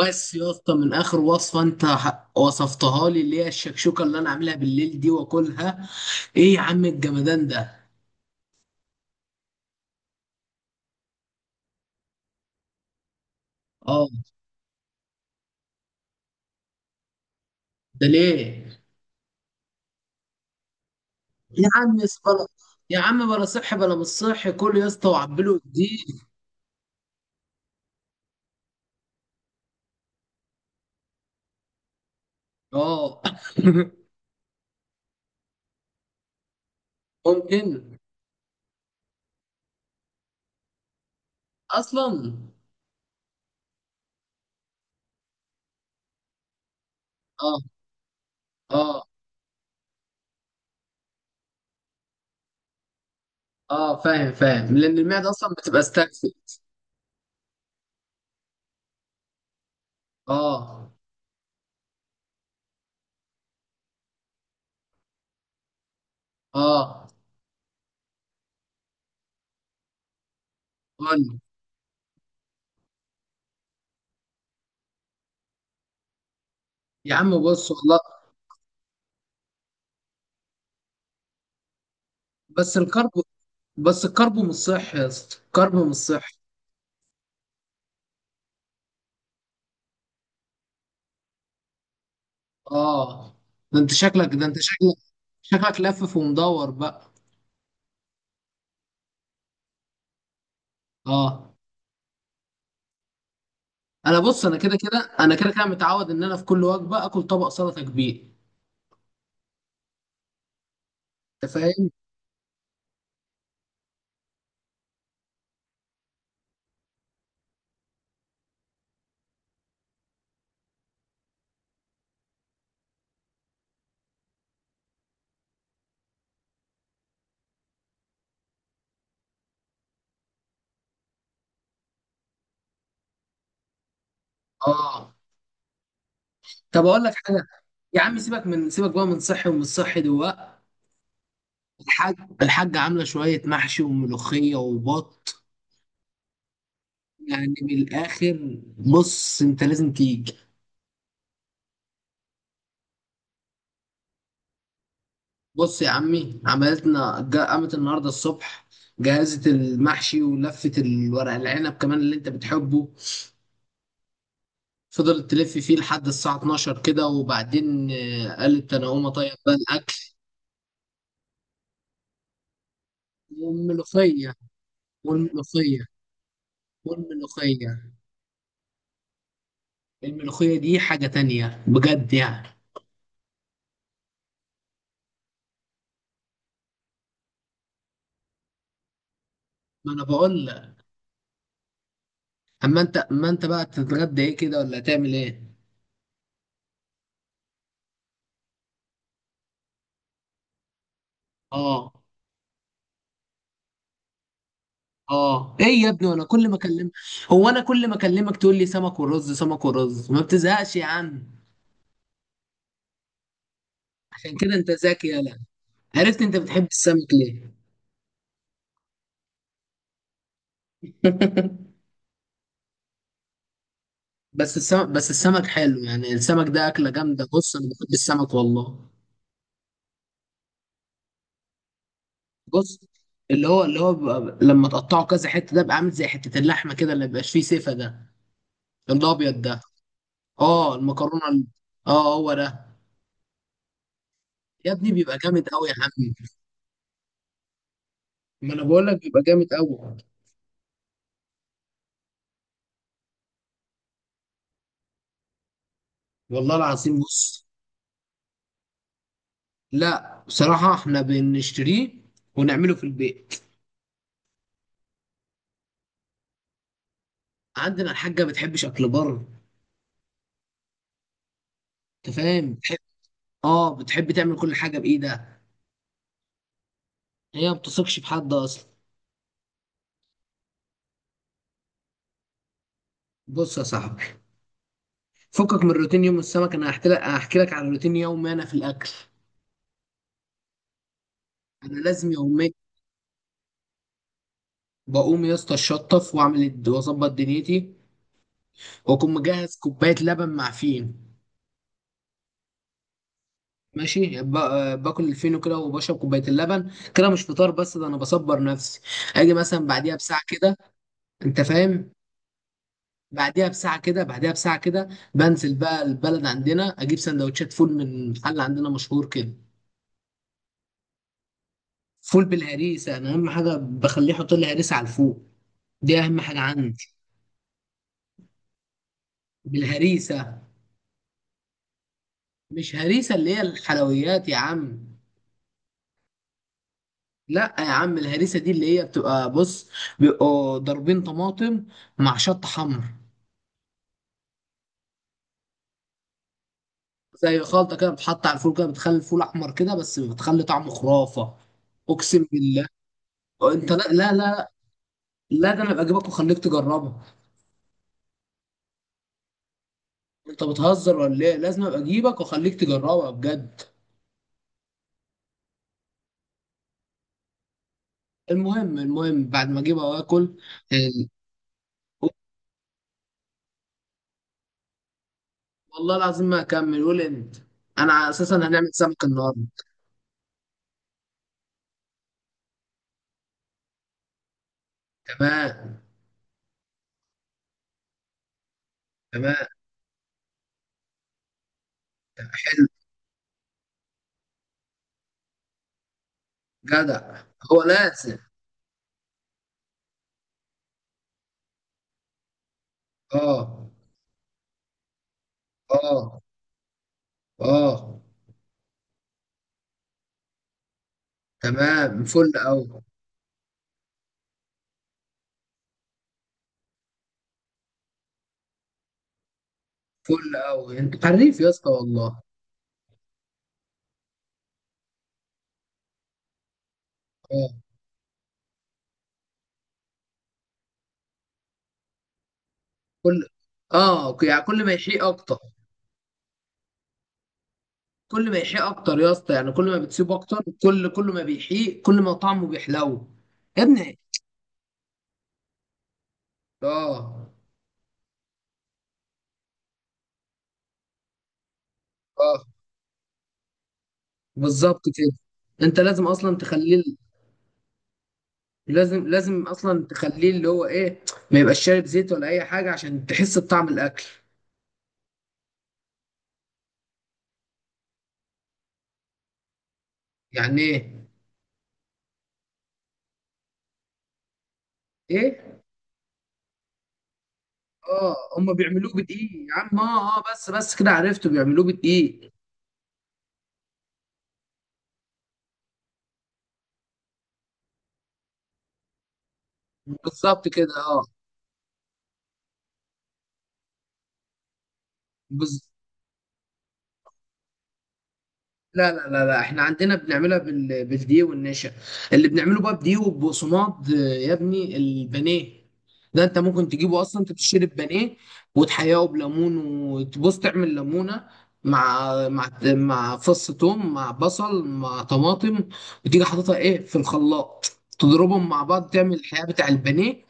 بس يا اسطى، من اخر وصفه انت وصفتها لي اللي هي الشكشوكه اللي انا عاملها بالليل دي واكلها. ايه يا عم الجمدان ده؟ اه. ده ليه؟ يا عم يا اسطى بلا. يا عم، بلا صحي بلا مش صحي، كل يا اسطى وعبله جديد. اه. ممكن. اصلا. اه، اه، اه، فاهم فاهم لان المعده اصلا بتبقى استكفت. اه اه. قول. يا عم بص والله. بس الكرب بس الكرب مش صحي يا اسطى، الكرب مش صحي. اه. ده انت شكلك، شكلك لفف ومدور بقى. اه. انا بص، انا كده كده، متعود ان انا في كل وجبه اكل طبق سلطه كبير. انت فاهم. اه. طب اقول لك حاجه. يا عم سيبك بقى من صحي ومن صحي دلوقتي. الحاج الحاجه عامله شويه محشي وملوخيه وبط. يعني من الاخر، بص انت لازم تيجي. بص يا عمي، قامت النهارده الصبح. جهزت المحشي ولفت الورق العنب كمان اللي انت بتحبه. فضلت تلف فيه لحد الساعة 12 كده، وبعدين قالت أنا هقوم أطيب بقى الأكل. والملوخية. والملوخية. والملوخية. الملوخية دي حاجة تانية بجد يعني. ما أنا بقول لك. أما أنت بقى تتغدى إيه كده، ولا هتعمل إيه؟ آه، آه، إيه يا ابني وأنا كل ما أكلمك. هو أنا كل ما أكلمك تقول لي سمك ورز سمك ورز، ما بتزهقش يا عم؟ عشان كده أنت ذكي، يالا. عرفت أنت بتحب السمك. ليه؟ بس السمك حلو يعني، السمك ده أكلة جامدة، بص أنا بحب السمك والله. بص. اللي هو بيبقى لما تقطعه كذا حتة، ده بيبقى عامل زي حتة اللحمة كده اللي مبيبقاش فيه سيفة ده. الأبيض ده. اه، المكرونة اه، هو ده. يا ابني بيبقى جامد أوي يا عم. ما أنا بقول لك بيبقى جامد أوي. والله العظيم، بص. لا بصراحة احنا بنشتريه ونعمله في البيت. عندنا الحاجة ما بتحبش أكل بره. أنت فاهم، بتحب. اه، بتحب تعمل كل حاجة بإيدها. هي ما بتثقش في حد أصلا. بص يا صاحبي. فكك من روتين يوم السمك، انا هحكي لك على روتين يومي انا في الاكل. انا لازم يوميا. بقوم يا اسطى اتشطف واعمل واظبط دنيتي. واكون مجهز كوبايه لبن مع فين. ماشي، باكل الفينو كده وبشرب كوبايه اللبن كده، مش فطار بس ده انا بصبر نفسي. اجي مثلا بعديها بساعه كده. انت فاهم. بعديها بساعه كده. بنزل بقى البلد عندنا، اجيب سندوتشات فول من محل عندنا مشهور كده. فول بالهريسه، انا اهم حاجه بخليه يحط لي هريسه على الفول. دي اهم حاجه عندي. بالهريسه. مش هريسه اللي هي الحلويات يا عم. لا يا عم، الهريسه دي اللي هي بتبقى، بص. بيبقوا ضاربين طماطم مع شطه حمر. زي خلطه كده، بتحط على الفول كده، بتخلي الفول احمر كده، بس بتخلي طعمه خرافه. اقسم بالله. انت، لا، لا، لا، لا، ده انا ابقى اجيبك واخليك تجربها. انت بتهزر ولا ايه؟ لازم ابقى اجيبك واخليك تجربها بجد. المهم بعد ما اجيبها واكل. والله العظيم ما هكمل، قول انت. انا اساسا هنعمل سمك النهارده. تمام. تمام. حلو، جدع. هو لازم. اه. اه. اه. تمام، فل او. فل او، انت حريف يا اسطى والله. اه، كل اه، يعني كل ما يحيق اكتر. كل ما يحيق اكتر يا اسطى، يعني كل ما بتسيب اكتر، كل ما بيحيق، كل ما طعمه بيحلو. يا ابني. اه، اه، بالظبط كده. انت لازم اصلا تخليه. لازم اصلا تخليه اللي هو ايه. ما يبقاش شارب زيت ولا اي حاجه عشان تحس بطعم الاكل. يعني ايه؟ ايه. اه، هم بيعملوه بدقيق يا عم، اه، اه، بس كده عرفته بيعملوه بدقيق. بالظبط كده، اه. لا، لا، لا، لا، احنا عندنا بنعملها بالدقيق والنشا. اللي بنعمله بقى بدقيق وبصماد، يا ابني البانيه. ده انت ممكن تجيبه اصلا، انت بتشتري البانيه. وتحياه بليمون، وتبص تعمل ليمونه. مع فص ثوم، مع بصل، مع طماطم. وتيجي حاططها ايه في الخلاط. تضربهم مع بعض، تعمل الحياه بتاع البانيه.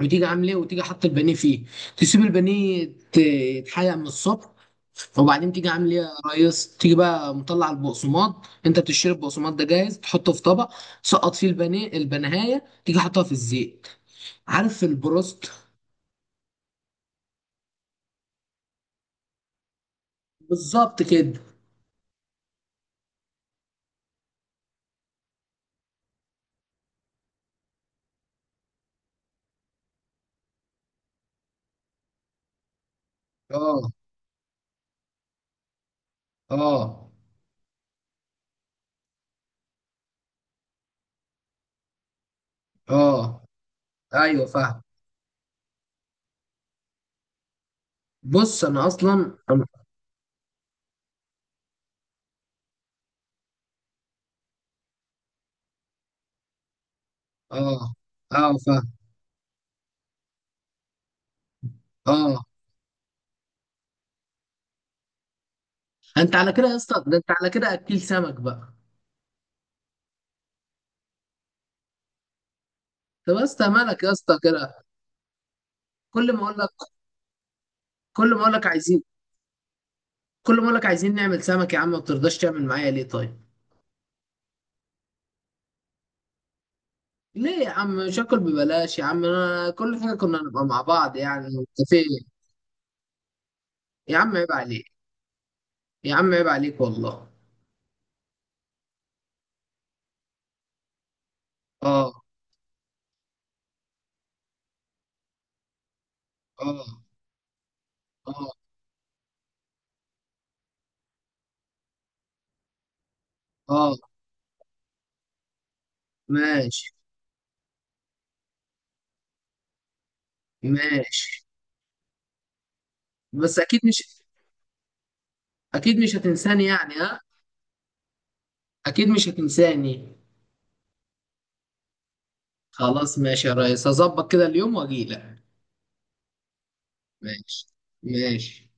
وتيجي عامل ايه، وتيجي حاطط البانيه فيه. تسيب البانيه. يتحرق من الصبح. وبعدين تيجي عامل ايه يا ريس، تيجي بقى مطلع البقسماط، انت بتشتري البقسماط ده جاهز، تحطه في طبق. سقط فيه البانيه البنهايه، تيجي حاطها في الزيت. عارف البروست. بالظبط كده. اه، اه، اه، ايوه فاهم. بص انا اصلا اه، اه، فاهم. اه، انت على كده يا اسطى، ده انت على كده اكيل سمك بقى. طب يا اسطى، مالك يا اسطى كده؟ كل ما اقول لك. كل ما اقول لك عايزين. كل ما اقول لك عايزين نعمل سمك يا عم، ما بترضاش تعمل معايا ليه، طيب؟ ليه يا عم؟ مش هاكل ببلاش يا عم، انا كل حاجه كنا نبقى مع بعض يعني متفقين. يا عم عيب عليك. يا عم عيب عليك والله. اه، اه، اه، اه. ماشي، ماشي. بس اكيد مش. اكيد مش هتنساني يعني، ها؟ اكيد مش هتنساني. خلاص ماشي يا ريس، هظبط كده اليوم واجيلك. ماشي. ماشي.